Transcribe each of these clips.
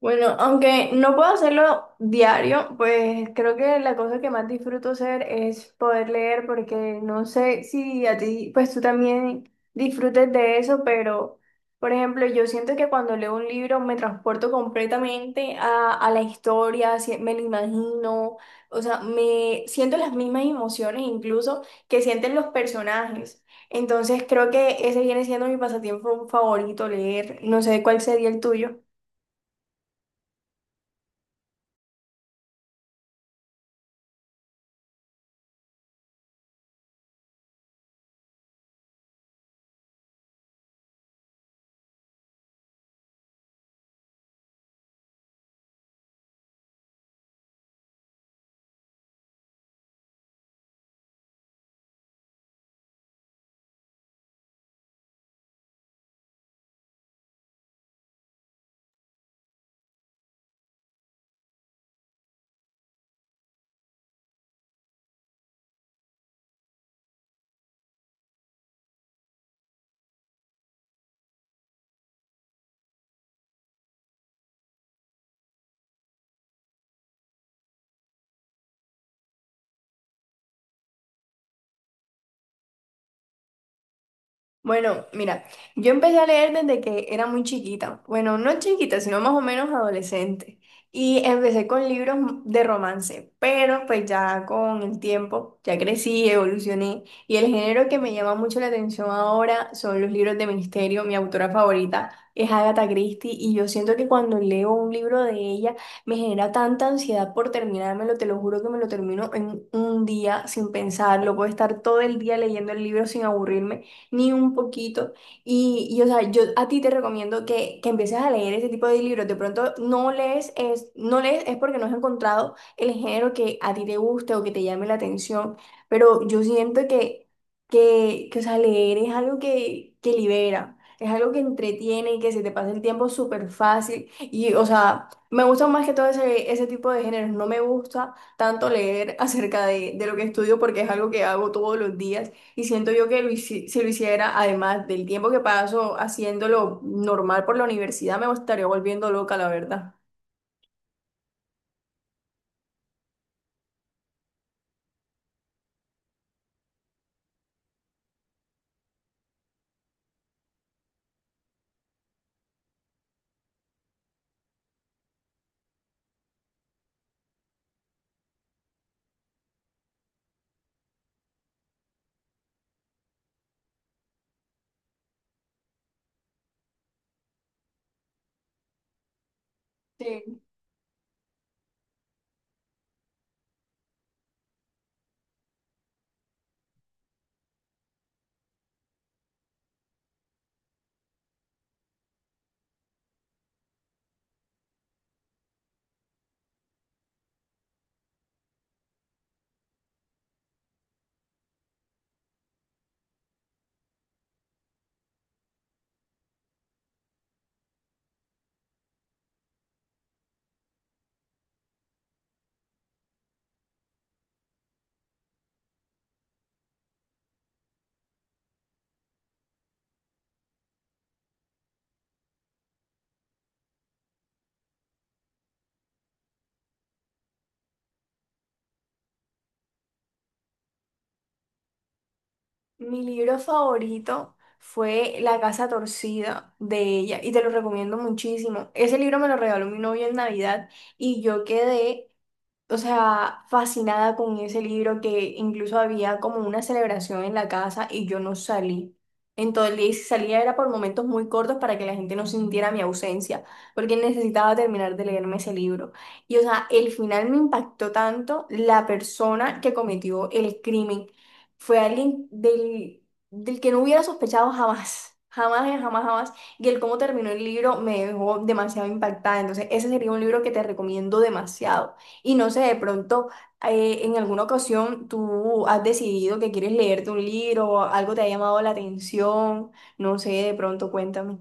Bueno, aunque no puedo hacerlo diario, pues creo que la cosa que más disfruto hacer es poder leer, porque no sé si a ti, pues tú también disfrutes de eso, pero por ejemplo, yo siento que cuando leo un libro me transporto completamente a la historia, me lo imagino, o sea, me siento las mismas emociones incluso que sienten los personajes. Entonces creo que ese viene siendo mi pasatiempo favorito, leer. No sé cuál sería el tuyo. Bueno, mira, yo empecé a leer desde que era muy chiquita. Bueno, no chiquita, sino más o menos adolescente. Y empecé con libros de romance, pero pues ya con el tiempo, ya crecí, evolucioné. Y el género que me llama mucho la atención ahora son los libros de misterio. Mi autora favorita es Agatha Christie y yo siento que cuando leo un libro de ella me genera tanta ansiedad por terminármelo, te lo juro que me lo termino en un día sin pensarlo. Puedo estar todo el día leyendo el libro sin aburrirme ni un poquito. O sea, yo a ti te recomiendo que empieces a leer ese tipo de libros. De pronto no lees, no lees es porque no has encontrado el género que a ti te guste o que te llame la atención, pero yo siento que o sea, leer es algo que libera. Es algo que entretiene y que se te pasa el tiempo súper fácil. Y, o sea, me gusta más que todo ese tipo de géneros. No me gusta tanto leer acerca de lo que estudio porque es algo que hago todos los días. Y siento yo que si lo hiciera, además del tiempo que paso haciéndolo normal por la universidad, me estaría volviendo loca, la verdad. Sí. Mi libro favorito fue La casa torcida de ella y te lo recomiendo muchísimo. Ese libro me lo regaló mi novia en Navidad y yo quedé o sea, fascinada con ese libro que incluso había como una celebración en la casa y yo no salí. En todo el día, y si salía era por momentos muy cortos para que la gente no sintiera mi ausencia, porque necesitaba terminar de leerme ese libro. Y o sea, el final me impactó tanto, la persona que cometió el crimen fue alguien del que no hubiera sospechado jamás, jamás, jamás, jamás. Y el cómo terminó el libro me dejó demasiado impactada. Entonces, ese sería un libro que te recomiendo demasiado. Y no sé, de pronto, en alguna ocasión tú has decidido que quieres leerte un libro, algo te ha llamado la atención, no sé, de pronto cuéntame.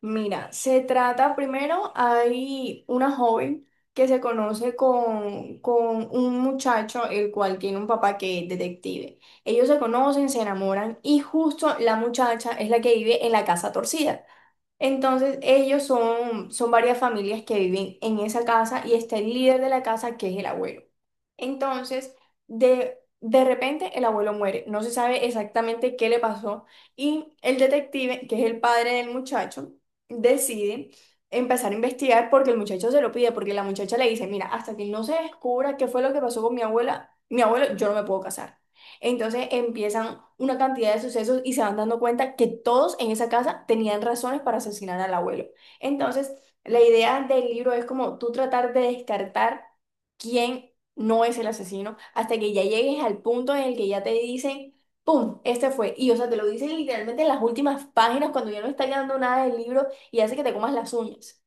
Mira, se trata primero, hay una joven que se conoce con un muchacho, el cual tiene un papá que es detective. Ellos se conocen, se enamoran y justo la muchacha es la que vive en la casa torcida. Entonces, ellos son varias familias que viven en esa casa y está el líder de la casa, que es el abuelo. Entonces, de repente el abuelo muere, no se sabe exactamente qué le pasó y el detective, que es el padre del muchacho, decide empezar a investigar porque el muchacho se lo pide, porque la muchacha le dice, mira, hasta que no se descubra qué fue lo que pasó con mi abuela, mi abuelo, yo no me puedo casar. Entonces empiezan una cantidad de sucesos y se van dando cuenta que todos en esa casa tenían razones para asesinar al abuelo. Entonces, la idea del libro es como tú tratar de descartar quién no es el asesino, hasta que ya llegues al punto en el que ya te dicen, ¡pum! Este fue. Y o sea, te lo dicen literalmente en las últimas páginas cuando ya no está quedando nada del libro y hace que te comas las uñas.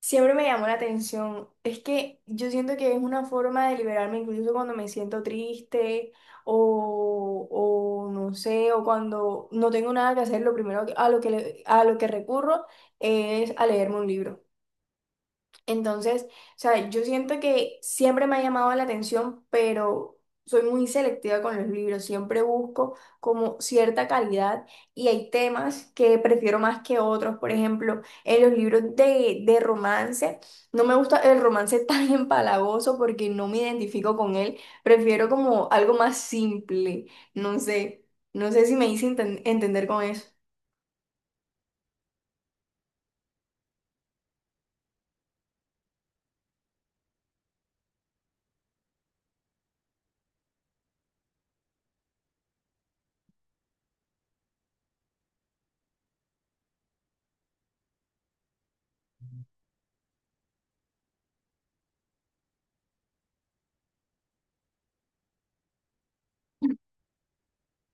Siempre me llamó la atención. Es que yo siento que es una forma de liberarme, incluso cuando me siento triste o no sé, o cuando no tengo nada que hacer, lo primero a lo a lo que recurro es a leerme un libro. Entonces, o sea, yo siento que siempre me ha llamado la atención, pero soy muy selectiva con los libros. Siempre busco como cierta calidad y hay temas que prefiero más que otros. Por ejemplo, en los libros de romance, no me gusta el romance tan empalagoso porque no me identifico con él. Prefiero como algo más simple. No sé, no sé si me hice entender con eso.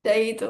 Chaito.